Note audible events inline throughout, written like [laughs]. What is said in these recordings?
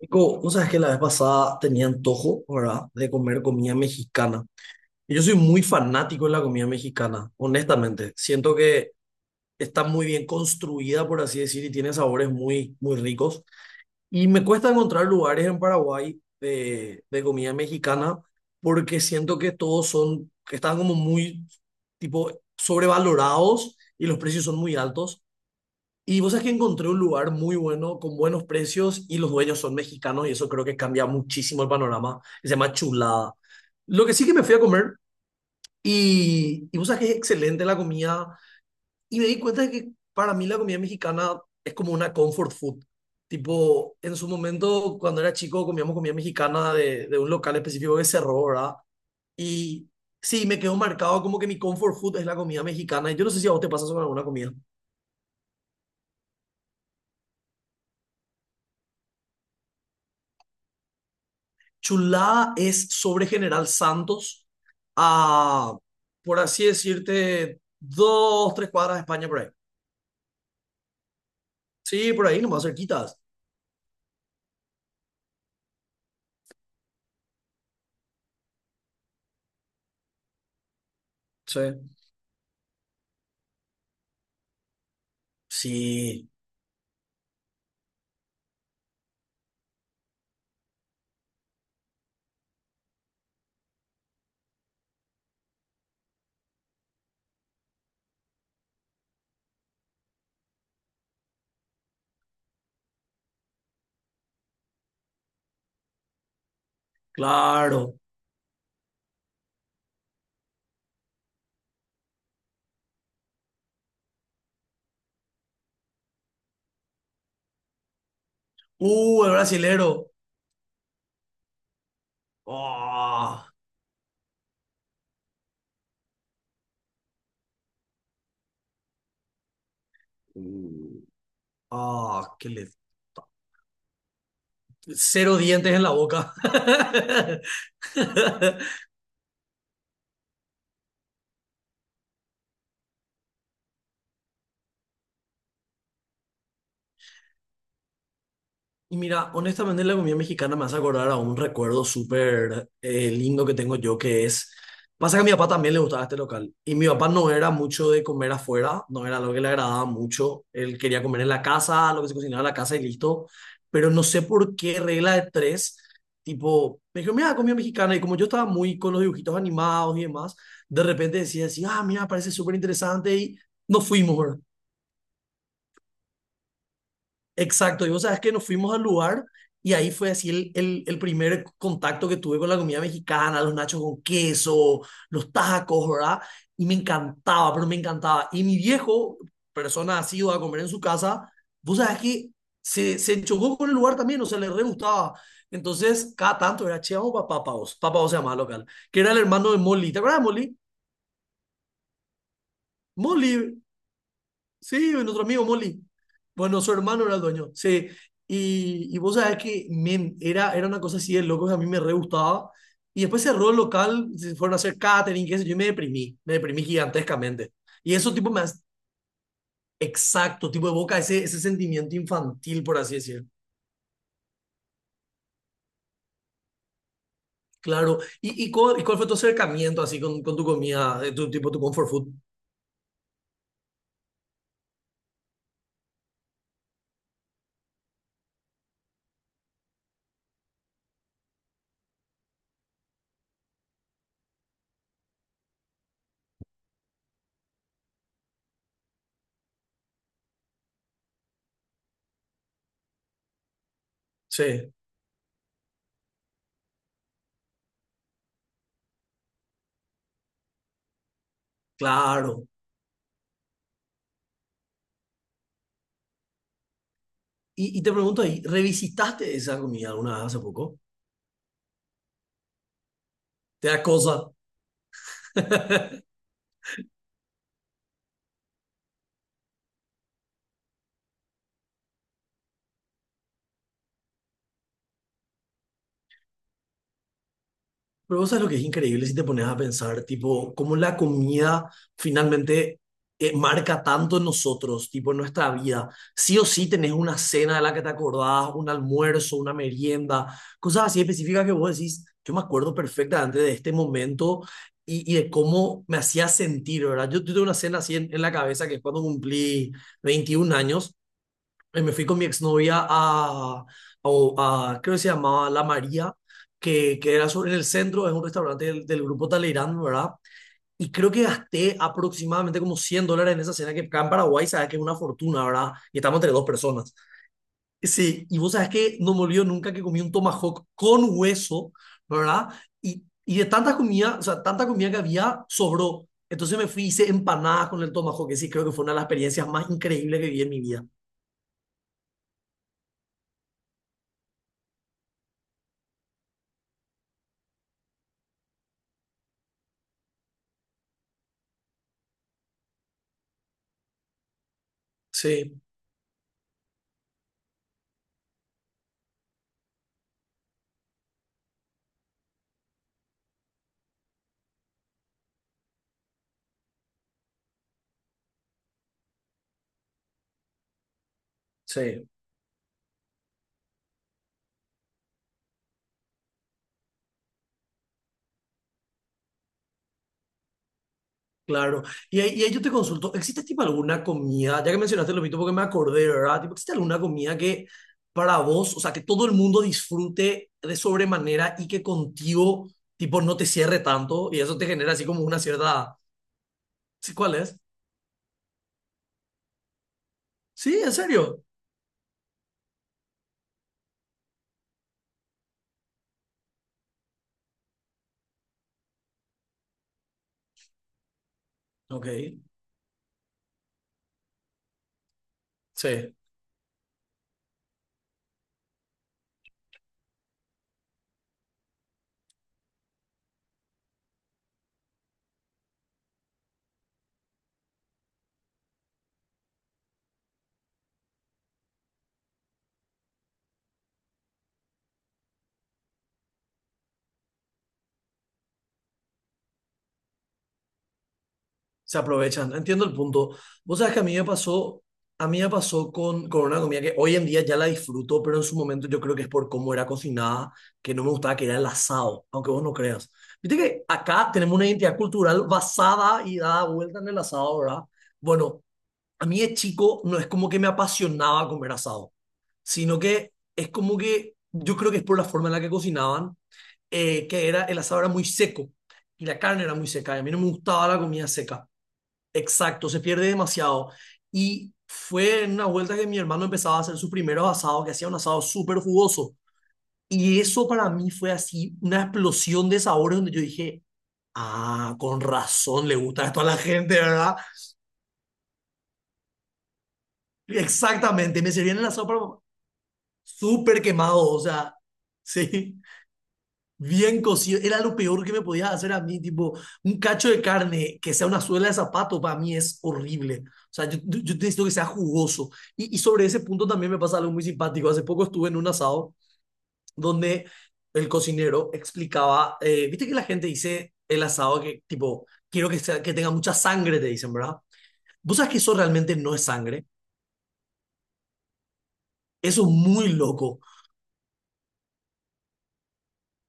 Nico, vos sabés que la vez pasada tenía antojo, ¿verdad?, de comer comida mexicana. Y yo soy muy fanático de la comida mexicana, honestamente. Siento que está muy bien construida, por así decir, y tiene sabores muy, muy ricos. Y me cuesta encontrar lugares en Paraguay de comida mexicana porque siento que todos son, que están como muy, tipo, sobrevalorados y los precios son muy altos. Y vos sabés que encontré un lugar muy bueno, con buenos precios, y los dueños son mexicanos, y eso creo que cambia muchísimo el panorama. Se llama Chulada. Lo que sí que me fui a comer, y vos sabés que es excelente la comida, y me di cuenta de que para mí la comida mexicana es como una comfort food. Tipo, en su momento, cuando era chico, comíamos comida mexicana de un local específico que cerró, ¿verdad? Y sí, me quedó marcado como que mi comfort food es la comida mexicana, y yo no sé si a vos te pasa eso con alguna comida. Chulá es sobre General Santos, a, por así decirte, dos, tres cuadras de España por ahí. Sí, por ahí, nomás cerquitas. Sí. Sí, claro. El brasilero. Ah. Uh. Ah, que le... Cero dientes en la boca. [laughs] Y mira, honestamente la comida mexicana me hace acordar a un recuerdo súper lindo que tengo yo, que es, pasa que a mi papá también le gustaba este local y mi papá no era mucho de comer afuera, no era lo que le agradaba mucho, él quería comer en la casa, lo que se cocinaba en la casa y listo, pero no sé por qué regla de tres, tipo, me dijo, mira, comida mexicana y como yo estaba muy con los dibujitos animados y demás, de repente decía así, ah, mira, parece súper interesante y nos fuimos, ¿verdad? Exacto, y vos sabes que nos fuimos al lugar y ahí fue así el primer contacto que tuve con la comida mexicana, los nachos con queso, los tacos, ¿verdad? Y me encantaba, pero me encantaba. Y mi viejo, persona asidua a comer en su casa, vos sabes que se chocó con el lugar también, o sea, le re gustaba. Entonces, cada tanto era, che, vamos para Papá Vos, Papá Oz se llamaba el local, que era el hermano de Molly. ¿Te acuerdas de Molly? Molly. Sí, nuestro amigo Molly. Bueno, su hermano era el dueño. Sí. Y vos sabés que era una cosa así de loco que a mí me re gustaba. Y después cerró el local, se fueron a hacer catering, qué sé yo, y me deprimí. Me deprimí gigantescamente. Y eso, tipo, exacto, tipo, evoca ese, sentimiento infantil, por así decir. Claro. ¿Y cuál fue tu acercamiento así con, tu comida, tu comfort food? Sí, claro. Y te pregunto ahí, ¿revisitaste esa comida alguna vez hace poco? ¿Te da cosa? [laughs] Pero vos sabés lo que es increíble si te pones a pensar, tipo, cómo la comida finalmente marca tanto en nosotros, tipo, en nuestra vida. Sí o sí tenés una cena de la que te acordás, un almuerzo, una merienda, cosas así específicas que vos decís, yo me acuerdo perfectamente de este momento y de cómo me hacía sentir, ¿verdad? Yo tuve una cena así en la cabeza que es cuando cumplí 21 años. Me fui con mi exnovia creo que se llamaba La María, que era sobre en el centro, es un restaurante del grupo Talleyrand, ¿verdad? Y creo que gasté aproximadamente como $100 en esa cena, que acá en Paraguay sabes que es una fortuna, ¿verdad? Y estamos entre dos personas. Sí, y vos sabes que no me olvido nunca que comí un tomahawk con hueso, ¿verdad? Y de tanta comida, o sea, tanta comida que había, sobró. Entonces me fui, hice empanadas con el tomahawk, que sí, creo que fue una de las experiencias más increíbles que viví en mi vida. Sí, sí. Claro. Y ahí yo te consulto, ¿existe tipo alguna comida, ya que mencionaste lo mismo porque me acordé, ¿verdad? Tipo, ¿existe alguna comida que para vos, o sea, que todo el mundo disfrute de sobremanera y que contigo, tipo, no te cierre tanto y eso te genera así como una cierta...? ¿Sí, cuál es? Sí, en serio. Ok, sí. Se aprovechan. Entiendo el punto. Vos sabés que a mí me pasó con, una comida que hoy en día ya la disfruto, pero en su momento yo creo que es por cómo era cocinada, que no me gustaba, que era el asado, aunque vos no creas. Viste que acá tenemos una identidad cultural basada y dada vuelta en el asado, ¿verdad? Bueno, a mí de chico no es como que me apasionaba comer asado, sino que es como que yo creo que es por la forma en la que cocinaban, que era, el asado era muy seco y la carne era muy seca y a mí no me gustaba la comida seca. Exacto, se pierde demasiado. Y fue en una vuelta que mi hermano empezaba a hacer sus primeros asados, que hacía un asado súper jugoso. Y eso para mí fue así una explosión de sabores donde yo dije, ah, con razón le gusta esto a la gente, ¿verdad? Exactamente, me servían el asado pero súper quemado, o sea, [laughs] sí. Bien cocido, era lo peor que me podías hacer a mí, tipo, un cacho de carne que sea una suela de zapato, para mí es horrible. O sea, yo necesito que sea jugoso. Y sobre ese punto también me pasa algo muy simpático. Hace poco estuve en un asado donde el cocinero explicaba, viste que la gente dice el asado que, tipo, quiero que, que tenga mucha sangre, te dicen, ¿verdad? Vos sabes que eso realmente no es sangre, eso es muy loco.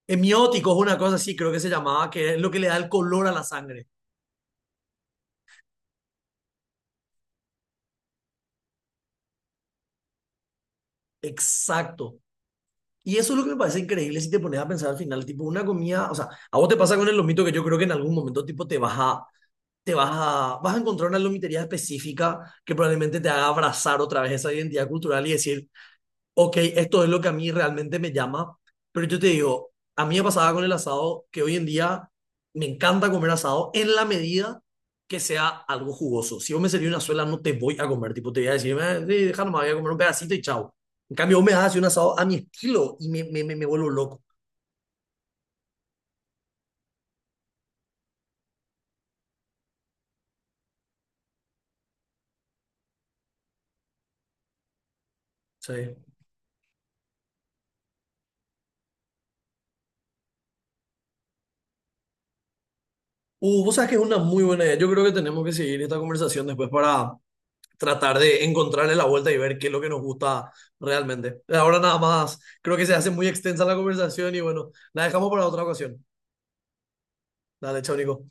Hemiótico es una cosa así, creo que se llamaba, que es lo que le da el color a la sangre. Exacto. Y eso es lo que me parece increíble si te pones a pensar al final, tipo una comida, o sea, a vos te pasa con el lomito que yo creo que en algún momento tipo vas a encontrar una lomitería específica que probablemente te haga abrazar otra vez esa identidad cultural y decir, ok, esto es lo que a mí realmente me llama, pero yo te digo, a mí me pasaba con el asado que hoy en día me encanta comer asado en la medida que sea algo jugoso. Si vos me servís una suela, no te voy a comer, tipo, te voy a decir, sí, deja nomás, voy a comer un pedacito y chao." En cambio, vos me das así un asado a mi estilo y me vuelvo loco. Sí. Vos sabes que es una muy buena idea. Yo creo que tenemos que seguir esta conversación después para tratar de encontrarle la vuelta y ver qué es lo que nos gusta realmente. Ahora nada más, creo que se hace muy extensa la conversación y bueno, la dejamos para otra ocasión. Dale, chao, Nico.